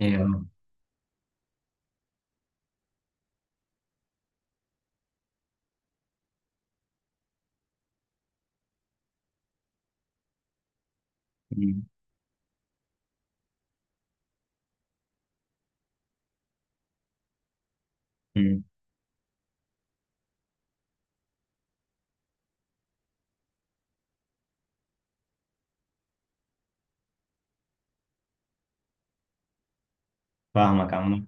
ايوه. أمم. أمم. فاهمك عمو.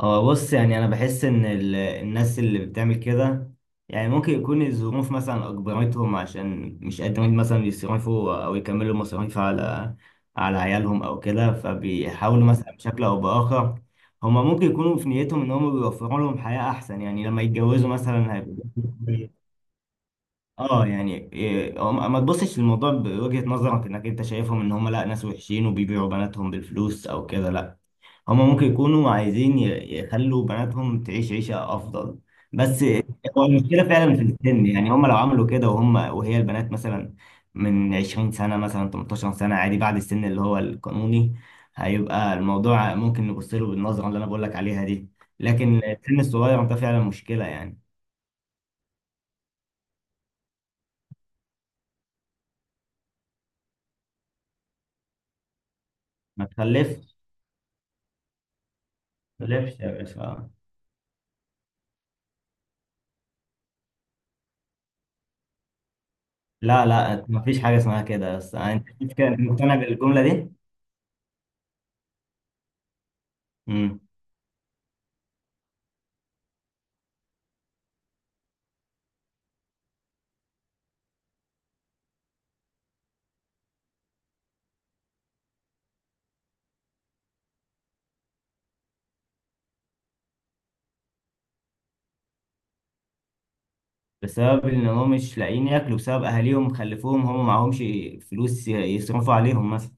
هو بص يعني انا بحس ان الناس اللي بتعمل كده يعني ممكن يكون الظروف مثلا اجبرتهم عشان مش قادرين مثلا يصرفوا او يكملوا مصاريف على عيالهم او كده فبيحاولوا مثلا بشكل او باخر. هما ممكن يكونوا في نيتهم ان هما بيوفروا لهم حياة احسن يعني لما يتجوزوا مثلا هيبقوا، اه يعني إيه، ما تبصش للموضوع بوجهة نظرك انك انت شايفهم ان هم لا ناس وحشين وبيبيعوا بناتهم بالفلوس او كده، لا. هما ممكن يكونوا عايزين يخلوا بناتهم تعيش عيشة أفضل. بس هو المشكلة فعلا في السن يعني هما لو عملوا كده، وهم وهي البنات مثلا من 20 سنة مثلا 18 سنة عادي بعد السن اللي هو القانوني، هيبقى الموضوع ممكن نبص له بالنظرة اللي أنا بقول لك عليها دي. لكن السن الصغير ده فعلا مشكلة يعني. ما تخلفش. ما تخلفش يا باشا. لا، لا، ما فيش حاجة اسمها كده. بس أنت مقتنع بالجملة دي؟ مم. بسبب ان هم مش لاقيين ياكلوا، بسبب اهاليهم خلفوهم هم معهمش فلوس يصرفوا عليهم مثلا.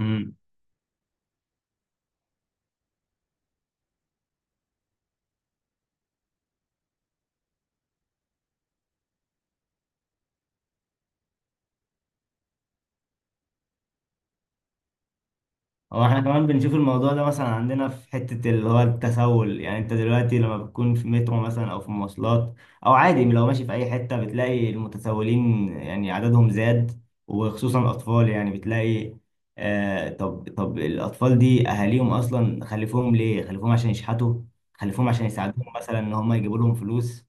امم هو احنا كمان بنشوف الموضوع ده مثلا عندنا في حتة اللي هو التسول، يعني انت دلوقتي لما بتكون في مترو مثلا او في مواصلات او عادي لو ماشي في اي حتة بتلاقي المتسولين يعني عددهم زاد، وخصوصا الاطفال يعني بتلاقي. طب الاطفال دي اهاليهم اصلا خلفوهم ليه؟ خلفوهم عشان يشحتوا، خلفوهم عشان يساعدوهم مثلا، ان هم يجيبوا لهم فلوس.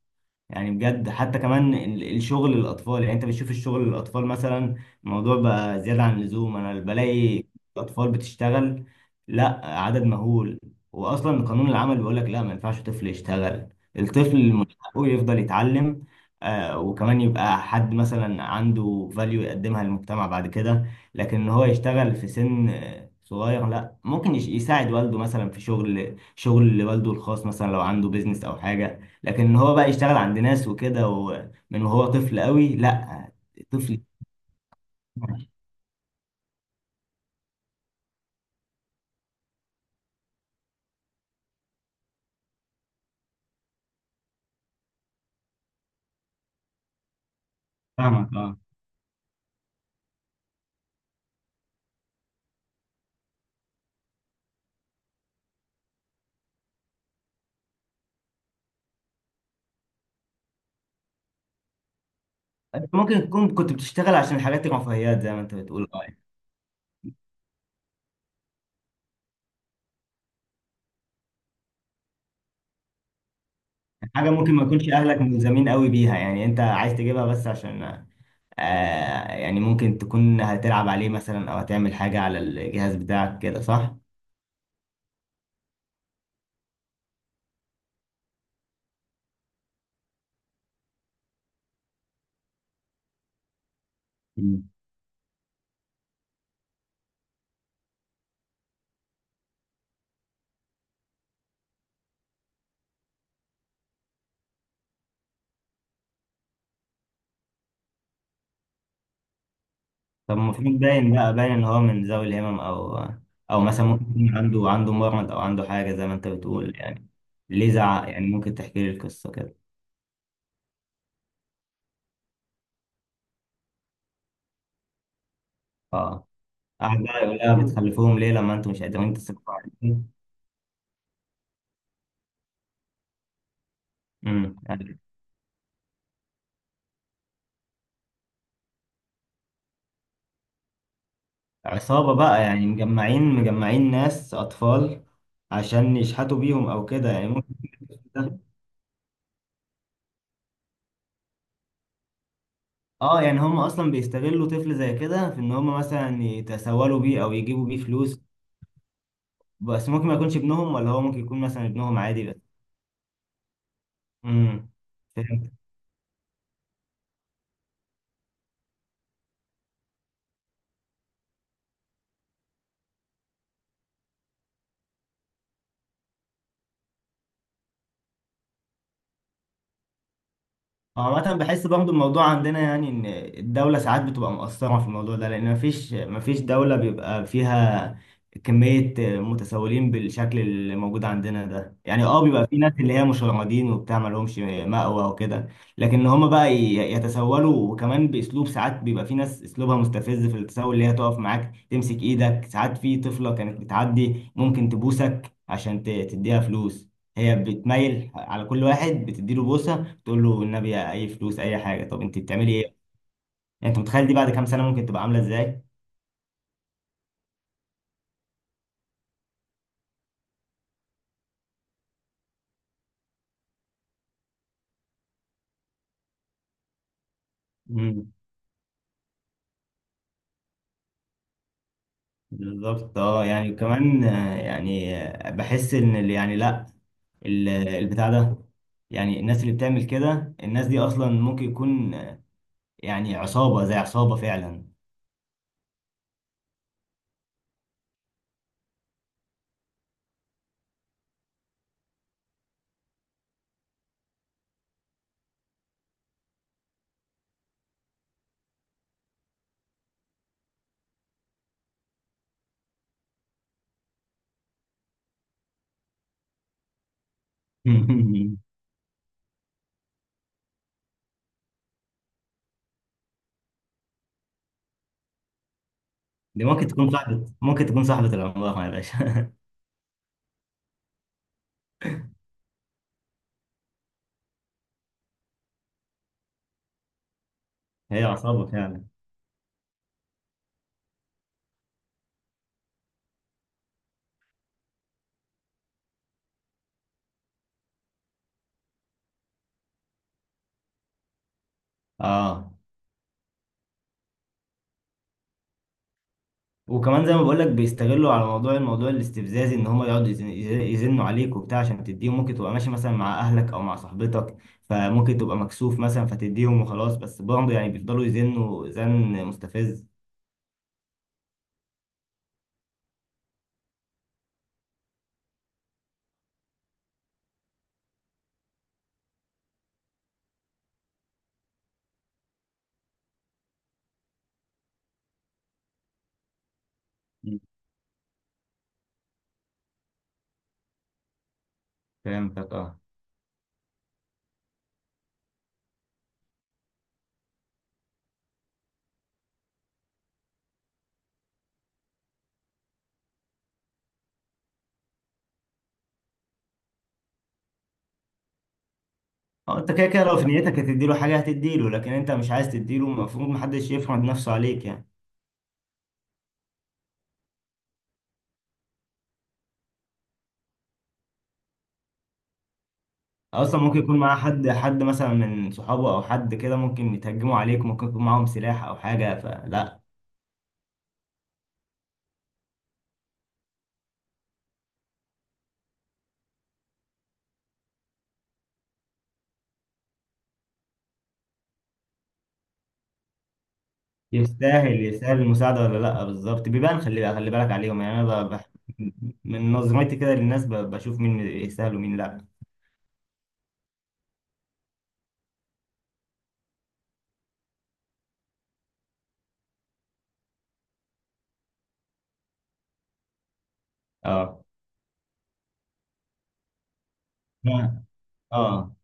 يعني بجد حتى كمان الشغل للاطفال، يعني انت بتشوف الشغل للاطفال مثلا الموضوع بقى زياده عن اللزوم. انا بلاقي الاطفال بتشتغل، لا، عدد مهول. واصلا قانون العمل بيقول لك لا، ما ينفعش طفل يشتغل. الطفل من حقه يفضل يتعلم. وكمان يبقى حد مثلا عنده فاليو يقدمها للمجتمع بعد كده. لكن ان هو يشتغل في سن صغير، لا. ممكن يساعد والده مثلا في شغل والده الخاص، مثلا لو عنده بيزنس او حاجه. لكن ان هو بقى يشتغل عند ناس وكده ومن وهو طفل قوي، لا. طفل. فاهمك، اه. انت ممكن تكون كنت بتشتغل عشان حاجات رفاهيات زي ما انت بتقول، اه يعني. حاجه ممكن ما يكونش اهلك ملزمين قوي بيها، يعني انت عايز تجيبها بس عشان، يعني ممكن تكون هتلعب عليه مثلا او هتعمل حاجه على الجهاز بتاعك كده، صح. مم. طب المفروض باين، بقى باين ان هو من ذوي الهمم او او مثلا ممكن يكون عنده مرض، او عنده حاجه زي ما انت بتقول يعني. ليه زعق يعني؟ ممكن تحكي لي القصه كده. اه. قاعد بقى يقول لها بتخلفوهم ليه لما انتوا مش قادرين تصرفوا عليهم؟ يعني عصابة بقى، يعني مجمعين مجمعين ناس أطفال عشان يشحتوا بيهم أو كده يعني، ممكن. ده، اه. يعني هم أصلا بيستغلوا طفل زي كده في إن هم مثلا يتسولوا بيه أو يجيبوا بيه فلوس. بس ممكن ما يكونش ابنهم، ولا هو ممكن يكون مثلا ابنهم عادي بس. امم عامة بحس برضو الموضوع عندنا يعني إن الدولة ساعات بتبقى مقصرة في الموضوع ده، لأن مفيش دولة بيبقى فيها كمية متسولين بالشكل اللي موجود عندنا ده. يعني، اه، بيبقى في ناس اللي هي مشردين وبتاع مالهمش مأوى وكده، لكن هما بقى يتسولوا وكمان بأسلوب. ساعات بيبقى في ناس أسلوبها مستفز في التسول، اللي هي تقف معاك تمسك إيدك. ساعات في طفلة كانت بتعدي ممكن تبوسك عشان تديها فلوس. هي بتميل على كل واحد بتديله بوسة، تقول له النبي، اي فلوس، اي حاجه. طب انت بتعملي ايه؟ يعني انت متخيل دي بعد كام سنه ممكن تبقى عامله ازاي؟ امم بالظبط، اه. يعني كمان يعني بحس ان يعني لا، البتاع ده، يعني الناس اللي بتعمل كده، الناس دي اصلا ممكن يكون يعني عصابه، زي عصابه فعلا. دي ممكن تكون صاحبة، العملاق يا باشا. هي عصابة فعلا. اه، وكمان زي ما بقول لك بيستغلوا على موضوع، الموضوع الاستفزازي، ان هم يقعدوا يزنوا عليك وبتاع عشان تديهم. ممكن تبقى ماشي مثلا مع اهلك او مع صاحبتك، فممكن تبقى مكسوف مثلا فتديهم وخلاص، بس برضه يعني بيفضلوا يزنوا زن مستفز. مم. فهمتك، اه. اه، انت كده كده لو في نيتك هتديله حاجه هتديله، لكن انت مش عايز تديله. المفروض محدش يفرض نفسه عليك يعني. اصلا ممكن يكون معاه حد مثلا من صحابه او حد كده، ممكن يتهجموا عليك، ممكن يكون معاهم سلاح او حاجه، فلا. يستاهل المساعدة ولا لأ؟ بالظبط، بيبان. خلي خلي بالك عليهم يعني. أنا من نظرتي كده للناس بشوف مين يستاهل ومين لأ. اه. لا، اه.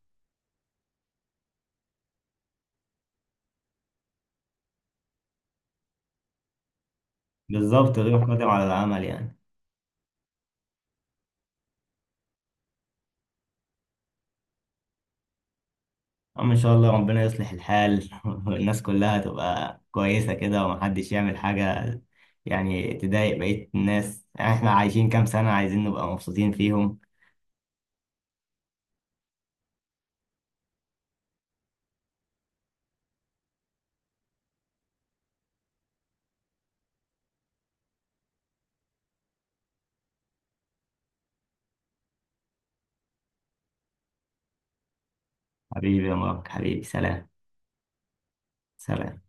بالظبط، غير قادر على العمل يعني. أما إن شاء الله ربنا يصلح الحال. والناس كلها تبقى كويسة كده ومحدش يعمل حاجة يعني تضايق بقية الناس. يعني إحنا عايشين كام سنة عايزين نبقى مبسوطين فيهم. حبيبي يا مبارك، حبيبي، سلام. سلام.